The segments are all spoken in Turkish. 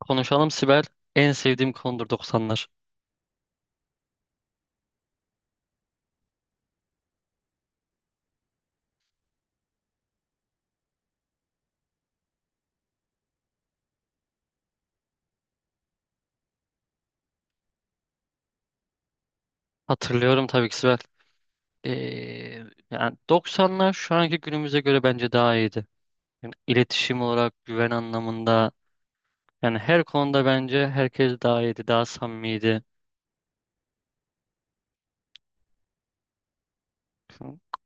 Konuşalım Sibel. En sevdiğim konudur 90'lar. Hatırlıyorum tabii ki Sibel. Ee, Yani 90'lar şu anki günümüze göre bence daha iyiydi. Yani iletişim olarak, güven anlamında, yani her konuda bence herkes daha iyiydi, daha samimiydi.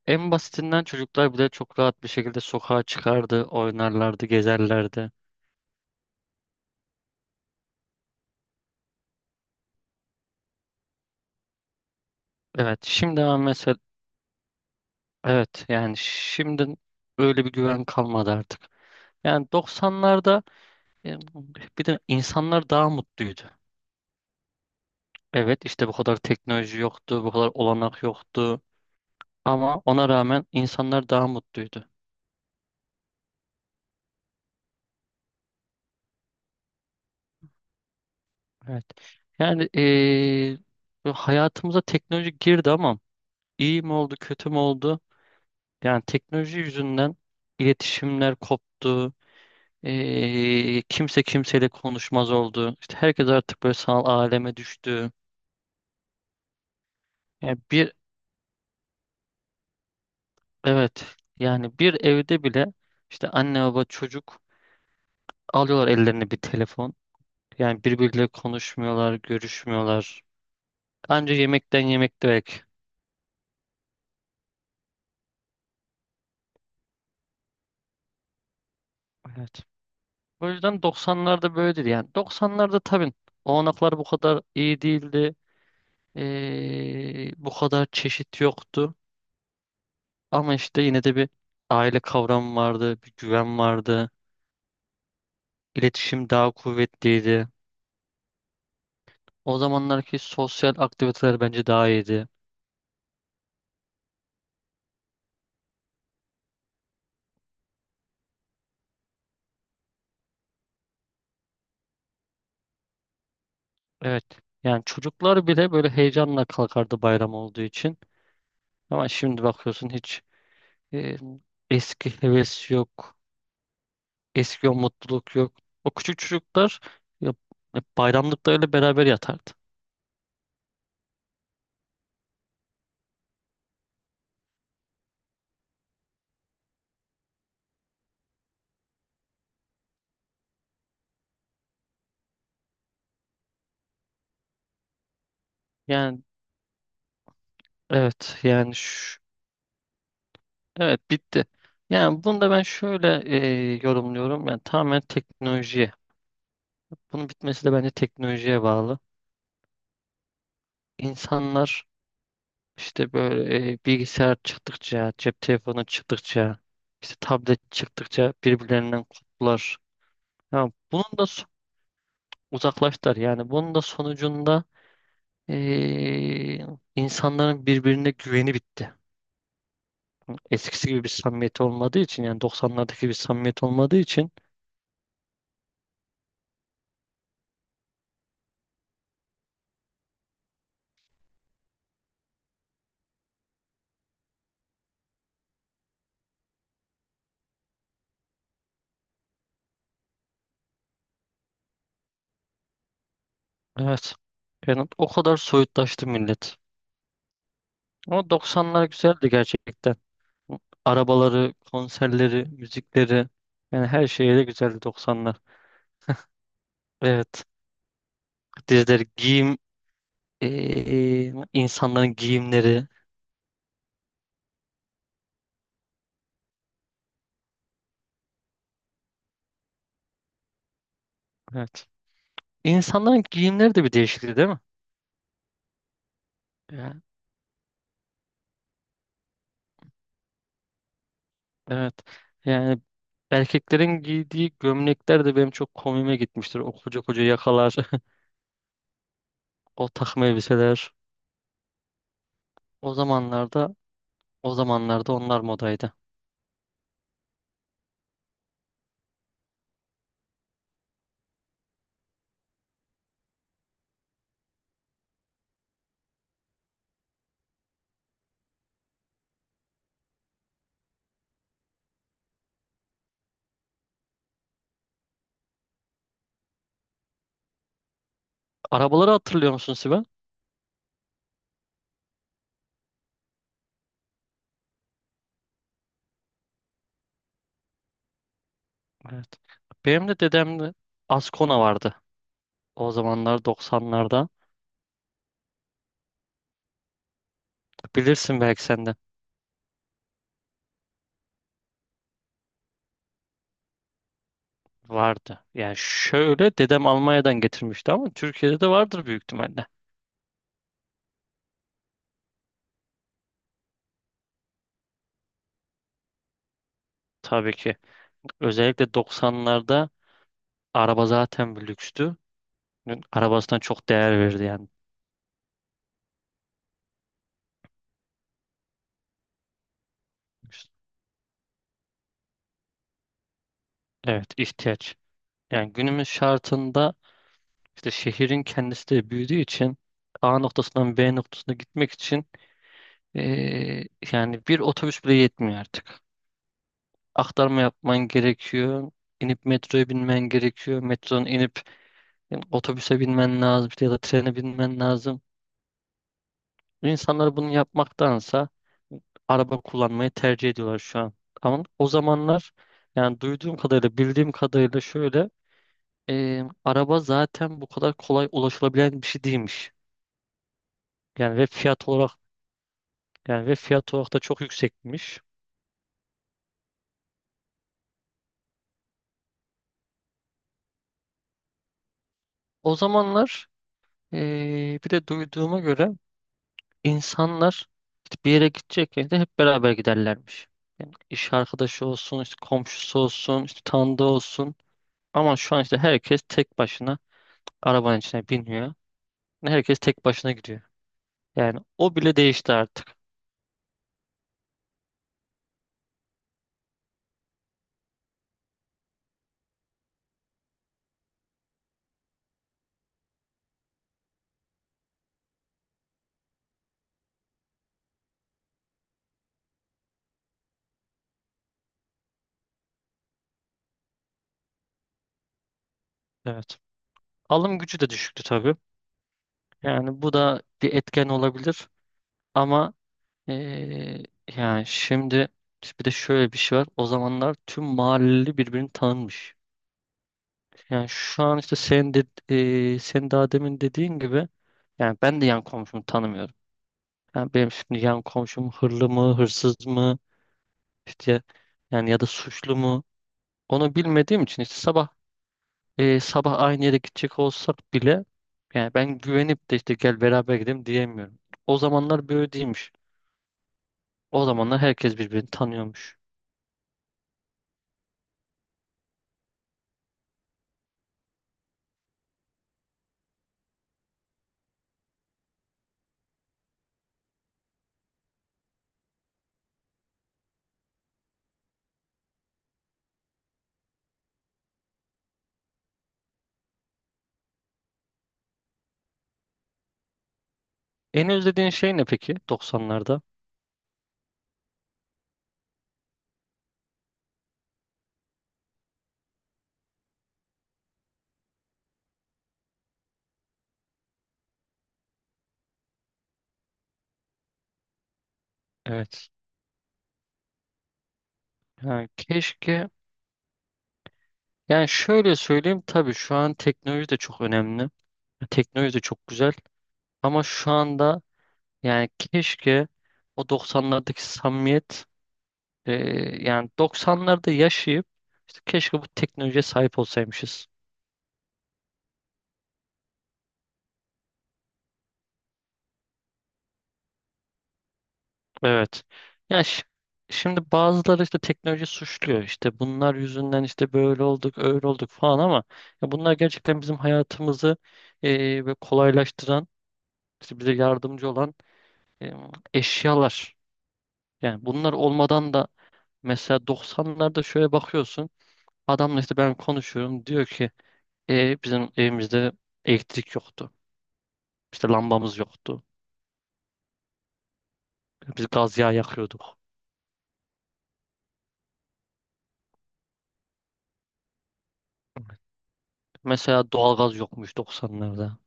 En basitinden çocuklar bile çok rahat bir şekilde sokağa çıkardı, oynarlardı, gezerlerdi. Evet, şimdi ama mesela, evet yani şimdi öyle bir güven kalmadı artık. Yani 90'larda e, bir de insanlar daha mutluydu. Evet, işte bu kadar teknoloji yoktu, bu kadar olanak yoktu. Ama ona rağmen insanlar daha mutluydu. Evet. Yani bu hayatımıza teknoloji girdi ama iyi mi oldu, kötü mü oldu? Yani teknoloji yüzünden iletişimler koptu. Kimse kimseyle konuşmaz oldu. İşte herkes artık böyle sanal aleme düştü. Yani bir Evet, yani bir evde bile işte anne baba çocuk alıyorlar ellerine bir telefon. Yani birbiriyle konuşmuyorlar, görüşmüyorlar. Anca yemekten yemek belki. Evet. O yüzden 90'larda böyleydi. Yani 90'larda tabii olanaklar bu kadar iyi değildi. Bu kadar çeşit yoktu. Ama işte yine de bir aile kavramı vardı, bir güven vardı. İletişim daha kuvvetliydi. O zamanlarki sosyal aktiviteler bence daha iyiydi. Evet. Yani çocuklar bile böyle heyecanla kalkardı bayram olduğu için. Ama şimdi bakıyorsun, hiç E, eski heves yok. Eski o mutluluk yok. O küçük çocuklar ya, ya bayramlıklarıyla beraber yatardı. Yani evet, yani evet bitti. Yani bunu da ben şöyle yorumluyorum. Yani tamamen teknolojiye. Bunun bitmesi de bence teknolojiye bağlı. İnsanlar İşte böyle bilgisayar çıktıkça, cep telefonu çıktıkça, işte tablet çıktıkça birbirlerinden koptular. Ya bunun da uzaklaştılar. Yani bunun da sonucunda e, insanların birbirine güveni bitti. Eskisi gibi bir samimiyet olmadığı için, yani 90'lardaki bir samimiyet olmadığı için. Evet. Yani o kadar soyutlaştı millet. Ama 90'lar güzeldi gerçekten. Arabaları, konserleri, müzikleri, yani her şeyi de güzeldi 90'lar. Evet. Dizileri, giyim, insanların giyimleri. Evet. İnsanların giyimleri de bir değişikti, değil mi? Ya, evet. Yani erkeklerin giydiği gömlekler de benim çok komiğime gitmiştir. O koca koca yakalar, o takım elbiseler. O zamanlarda, o zamanlarda onlar modaydı. Arabaları hatırlıyor musun Sibel? Evet. Benim de dedemde Ascona vardı. O zamanlar, 90'larda. Bilirsin belki sen de. Vardı. Yani şöyle, dedem Almanya'dan getirmişti ama Türkiye'de de vardır büyük ihtimalle. Tabii ki. Özellikle 90'larda araba zaten bir lükstü. Arabasına çok değer verdi yani. Evet, ihtiyaç. Yani günümüz şartında işte şehrin kendisi de büyüdüğü için, A noktasından B noktasına gitmek için yani bir otobüs bile yetmiyor artık. Aktarma yapman gerekiyor. İnip metroya binmen gerekiyor. Metronun inip Yani otobüse binmen lazım ya da trene binmen lazım. İnsanlar bunu yapmaktansa araba kullanmayı tercih ediyorlar şu an. Ama o zamanlar, yani duyduğum kadarıyla, bildiğim kadarıyla şöyle, araba zaten bu kadar kolay ulaşılabilen bir şey değilmiş. Yani ve fiyat olarak yani ve fiyat olarak da çok yüksekmiş. O zamanlar bir de duyduğuma göre İnsanlar işte bir yere gidecekken de hep beraber giderlermiş. Yani iş arkadaşı olsun, işte komşusu olsun, işte tanıdığı olsun. Ama şu an işte herkes tek başına arabanın içine biniyor. Herkes tek başına gidiyor. Yani o bile değişti artık. Evet. Alım gücü de düşüktü tabii. Yani bu da bir etken olabilir. Ama eee, yani şimdi bir de şöyle bir şey var. O zamanlar tüm mahalleli birbirini tanınmış. Yani şu an işte, sen de, senin daha demin dediğin gibi, yani ben de yan komşumu tanımıyorum. Yani benim şimdi yan komşum hırlı mı, hırsız mı, işte yani ya da suçlu mu, onu bilmediğim için işte sabah aynı yere gidecek olsak bile yani ben güvenip de işte gel beraber gidelim diyemiyorum. O zamanlar böyle değilmiş. O zamanlar herkes birbirini tanıyormuş. En özlediğin şey ne peki Doksanlarda? Evet. Yani keşke, yani şöyle söyleyeyim, tabii şu an teknoloji de çok önemli. Teknoloji de çok güzel. Ama şu anda yani keşke o doksanlardaki samimiyet, e, yani doksanlarda yaşayıp işte keşke bu teknolojiye sahip olsaymışız. Evet. Ya şimdi bazıları işte teknoloji suçluyor. İşte bunlar yüzünden işte böyle olduk, öyle olduk falan ama ya bunlar gerçekten bizim hayatımızı ve kolaylaştıran, işte bize yardımcı olan e, eşyalar. Yani bunlar olmadan da, mesela doksanlarda şöyle bakıyorsun. Adamla işte ben konuşuyorum. Diyor ki, Bizim evimizde elektrik yoktu. İşte lambamız yoktu. Biz gaz yağı yakıyorduk. Mesela doğalgaz yokmuş 90'larda.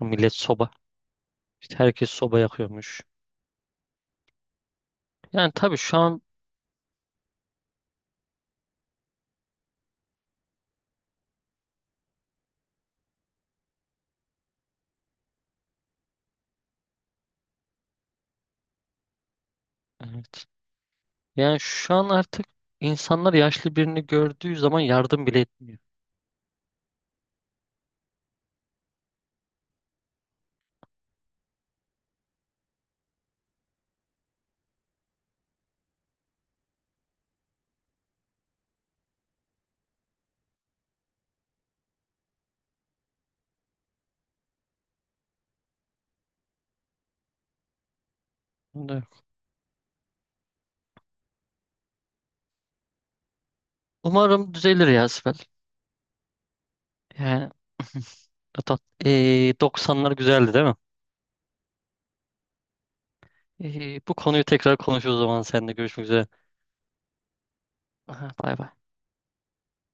Millet soba. İşte herkes soba yakıyormuş. Yani tabii şu an evet. Yani şu an artık insanlar yaşlı birini gördüğü zaman yardım bile etmiyor. Evet. Umarım düzelir ya Sibel. Yani 90'lar güzeldi, değil mi? Bu konuyu tekrar konuşuruz, o zaman seninle görüşmek üzere. Aha, bay bay.